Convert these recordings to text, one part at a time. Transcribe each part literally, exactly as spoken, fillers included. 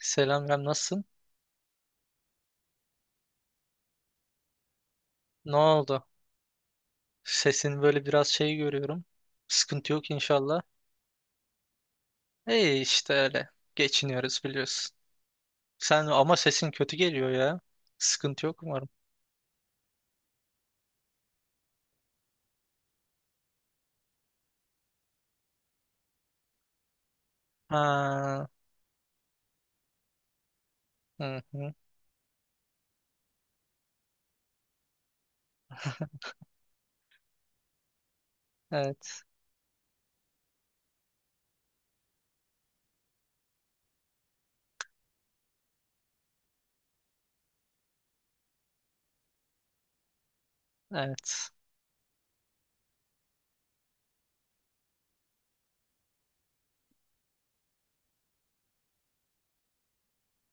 Selam Rem, nasılsın? Ne oldu? Sesin böyle biraz şey görüyorum. Sıkıntı yok inşallah. İyi işte öyle. Geçiniyoruz biliyorsun. Sen ama sesin kötü geliyor ya. Sıkıntı yok umarım. Ha, hı hı. Evet, evet.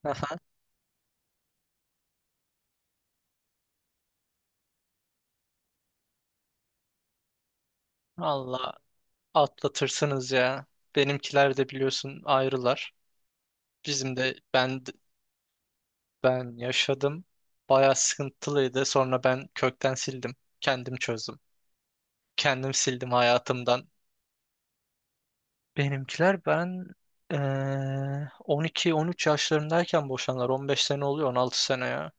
Aha. Allah atlatırsınız ya. Benimkiler de biliyorsun ayrılar. Bizim de ben ben yaşadım. Bayağı sıkıntılıydı. Sonra ben kökten sildim. Kendim çözdüm. Kendim sildim hayatımdan. Benimkiler ben eee on iki on üç yaşlarındayken boşanlar. on beş sene oluyor on altı sene ya.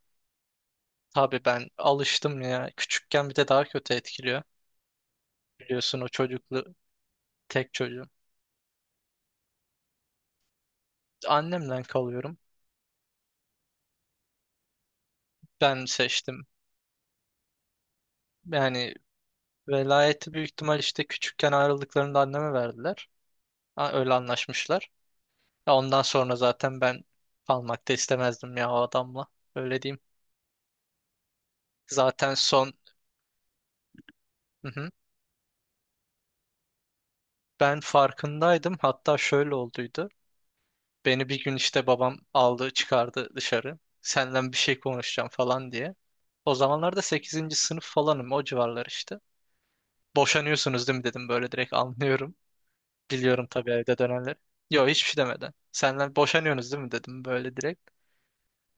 Tabii ben alıştım ya. Küçükken bir de daha kötü etkiliyor. Biliyorsun o çocuklu tek çocuğum. Annemden kalıyorum. Ben seçtim. Yani velayeti büyük ihtimal işte küçükken ayrıldıklarında anneme verdiler. Ha, öyle anlaşmışlar. Ya ondan sonra zaten ben kalmak da istemezdim ya o adamla. Öyle diyeyim. Zaten son... Hı hı. Ben farkındaydım. Hatta şöyle olduydu. Beni bir gün işte babam aldı çıkardı dışarı. Senden bir şey konuşacağım falan diye. O zamanlarda sekizinci sınıf falanım, o civarlar işte. Boşanıyorsunuz değil mi dedim, böyle direkt anlıyorum. Biliyorum tabii evde dönenleri. Yok, hiçbir şey demeden. Senden boşanıyorsunuz değil mi dedim böyle direkt.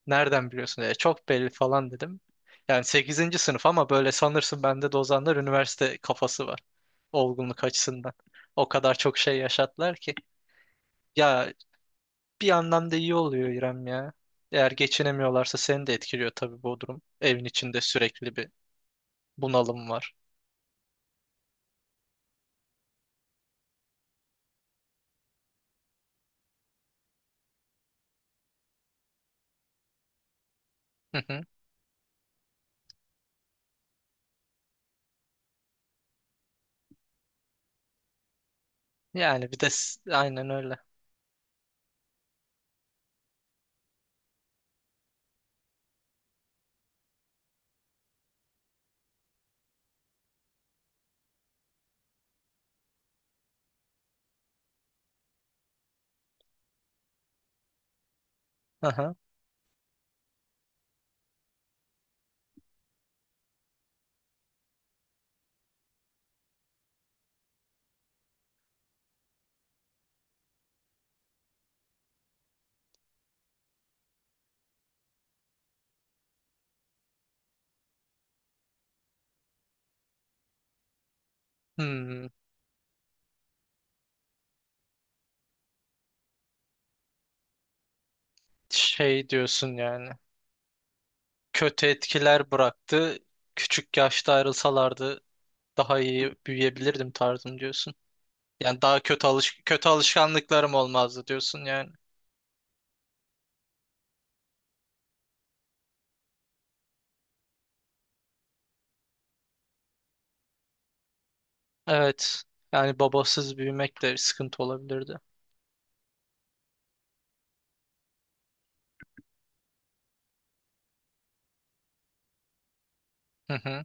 Nereden biliyorsun dedi. Çok belli falan dedim. Yani sekizinci sınıf ama böyle sanırsın, bende de o zamanlar üniversite kafası var. Olgunluk açısından. O kadar çok şey yaşattılar ki. Ya bir yandan da iyi oluyor İrem ya. Eğer geçinemiyorlarsa seni de etkiliyor tabii bu durum. Evin içinde sürekli bir bunalım var. Hı hı. Yani bir de s- aynen öyle. Hı hı. Hmm. Şey diyorsun yani. Kötü etkiler bıraktı. Küçük yaşta ayrılsalardı daha iyi büyüyebilirdim tarzım diyorsun. Yani daha kötü alış kötü alışkanlıklarım olmazdı diyorsun yani. Evet. Yani babasız büyümek de sıkıntı olabilirdi. Hı hı.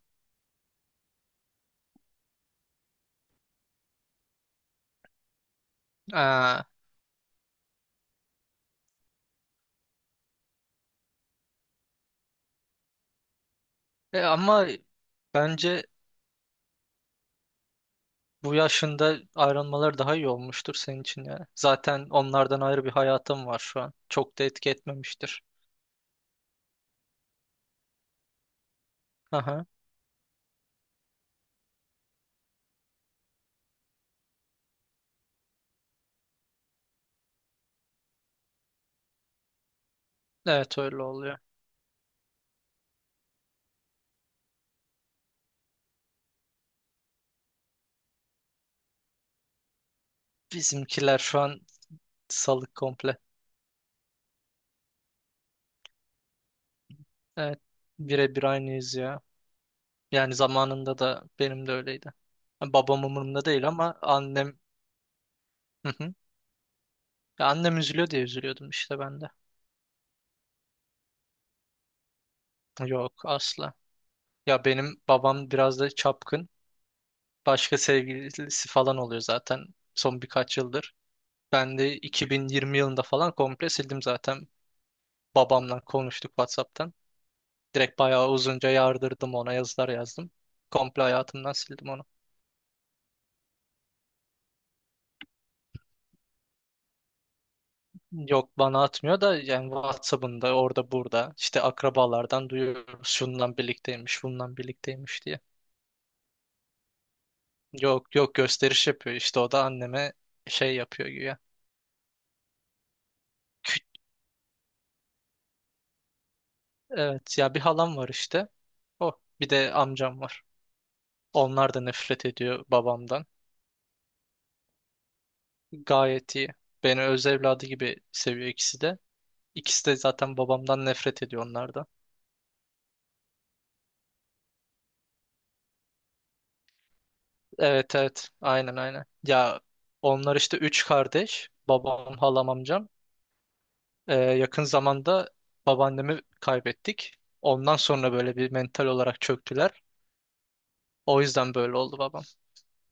Aa, e ama bence bu yaşında ayrılmaları daha iyi olmuştur senin için yani. Zaten onlardan ayrı bir hayatım var şu an. Çok da etki etmemiştir. Aha. Evet, öyle oluyor. Bizimkiler şu an salık komple. Evet. Birebir aynıyız ya. Yani zamanında da benim de öyleydi. Babam umurumda değil ama annem... Hı hı. Ya annem üzülüyor diye üzülüyordum işte ben de. Yok, asla. Ya benim babam biraz da çapkın. Başka sevgilisi falan oluyor zaten son birkaç yıldır. Ben de iki bin yirmi yılında falan komple sildim zaten. Babamla konuştuk WhatsApp'tan. Direkt bayağı uzunca yardırdım, ona yazılar yazdım. Komple hayatımdan sildim onu. Yok bana atmıyor da, yani WhatsApp'ında orada burada işte akrabalardan duyuyoruz, şundan birlikteymiş bundan birlikteymiş diye. Yok yok, gösteriş yapıyor işte o da anneme şey yapıyor güya. Kü- evet ya, bir halam var işte. O bir de amcam var. Onlar da nefret ediyor babamdan. Gayet iyi. Beni öz evladı gibi seviyor ikisi de. İkisi de zaten babamdan nefret ediyor, onlar da. Evet evet, aynen aynen. Ya onlar işte üç kardeş. Babam, halam, amcam. Ee, yakın zamanda babaannemi kaybettik. Ondan sonra böyle bir mental olarak çöktüler. O yüzden böyle oldu babam.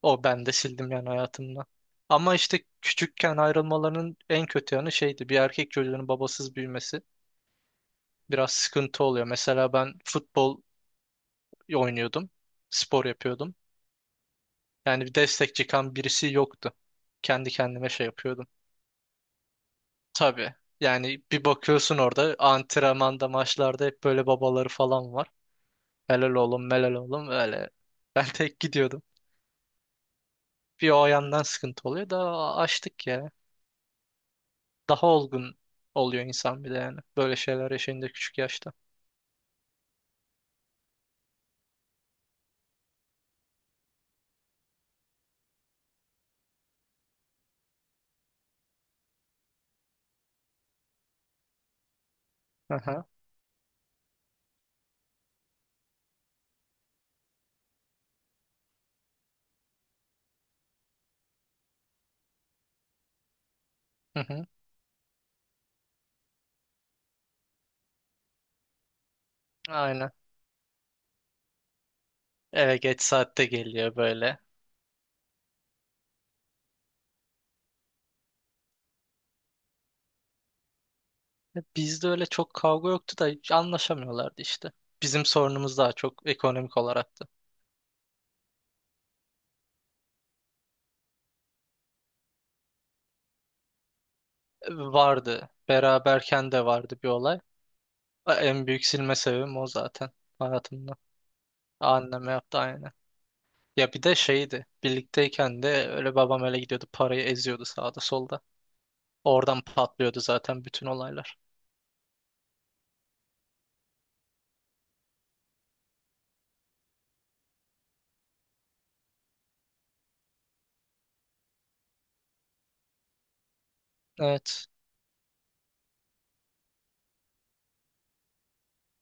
O ben de sildim yani hayatımdan. Ama işte küçükken ayrılmalarının en kötü yanı şeydi. Bir erkek çocuğunun babasız büyümesi biraz sıkıntı oluyor. Mesela ben futbol oynuyordum. Spor yapıyordum. Yani bir destek çıkan birisi yoktu. Kendi kendime şey yapıyordum. Tabii. Yani bir bakıyorsun, orada antrenmanda maçlarda hep böyle babaları falan var. Helal oğlum, melal oğlum, öyle. Ben tek gidiyordum. Bir o yandan sıkıntı oluyor da, açtık ya. Daha olgun oluyor insan bir de yani. Böyle şeyler yaşayınca küçük yaşta. Aha. Hı hı. Aynen. Evet, geç saatte geliyor böyle. Ya bizde öyle çok kavga yoktu da hiç anlaşamıyorlardı işte. Bizim sorunumuz daha çok ekonomik olaraktı. E, Vardı. Beraberken de vardı bir olay. E, En büyük silme sebebim o zaten hayatımda. Anneme yaptı aynı. Ya bir de şeydi. Birlikteyken de öyle, babam öyle gidiyordu, parayı eziyordu sağda solda. Oradan patlıyordu zaten bütün olaylar. Evet.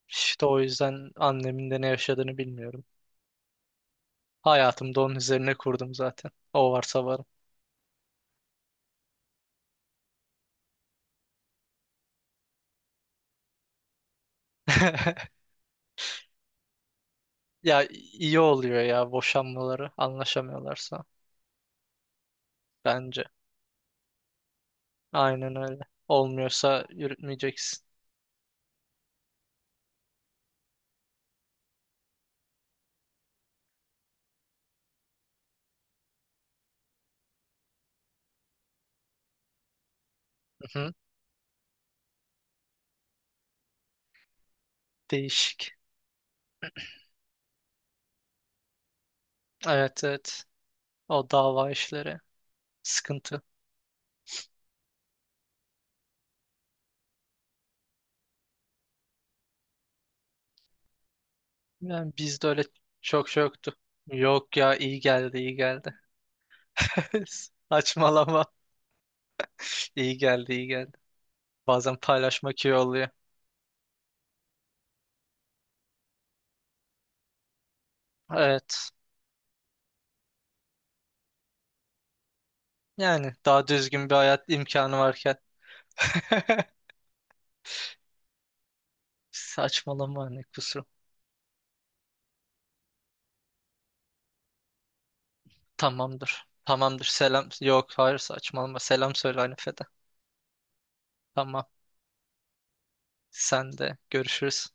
İşte o yüzden annemin de ne yaşadığını bilmiyorum. Hayatımda onun üzerine kurdum zaten. O varsa var. Ya iyi oluyor ya, boşanmaları anlaşamıyorlarsa bence. Aynen öyle. Olmuyorsa yürütmeyeceksin. Hı hı. Değişik. Evet, evet. O dava işleri sıkıntı. Yani bizde öyle çok şey yoktu. Yok ya, iyi geldi, iyi geldi. Saçmalama. İyi geldi, iyi geldi. Bazen paylaşmak iyi oluyor. Evet. Yani daha düzgün bir hayat imkanı varken. Saçmalama, ne kusur. Tamamdır. Tamamdır. Selam. Yok hayır, saçmalama. Selam söyle Hanife'de. Tamam. Sen de, görüşürüz.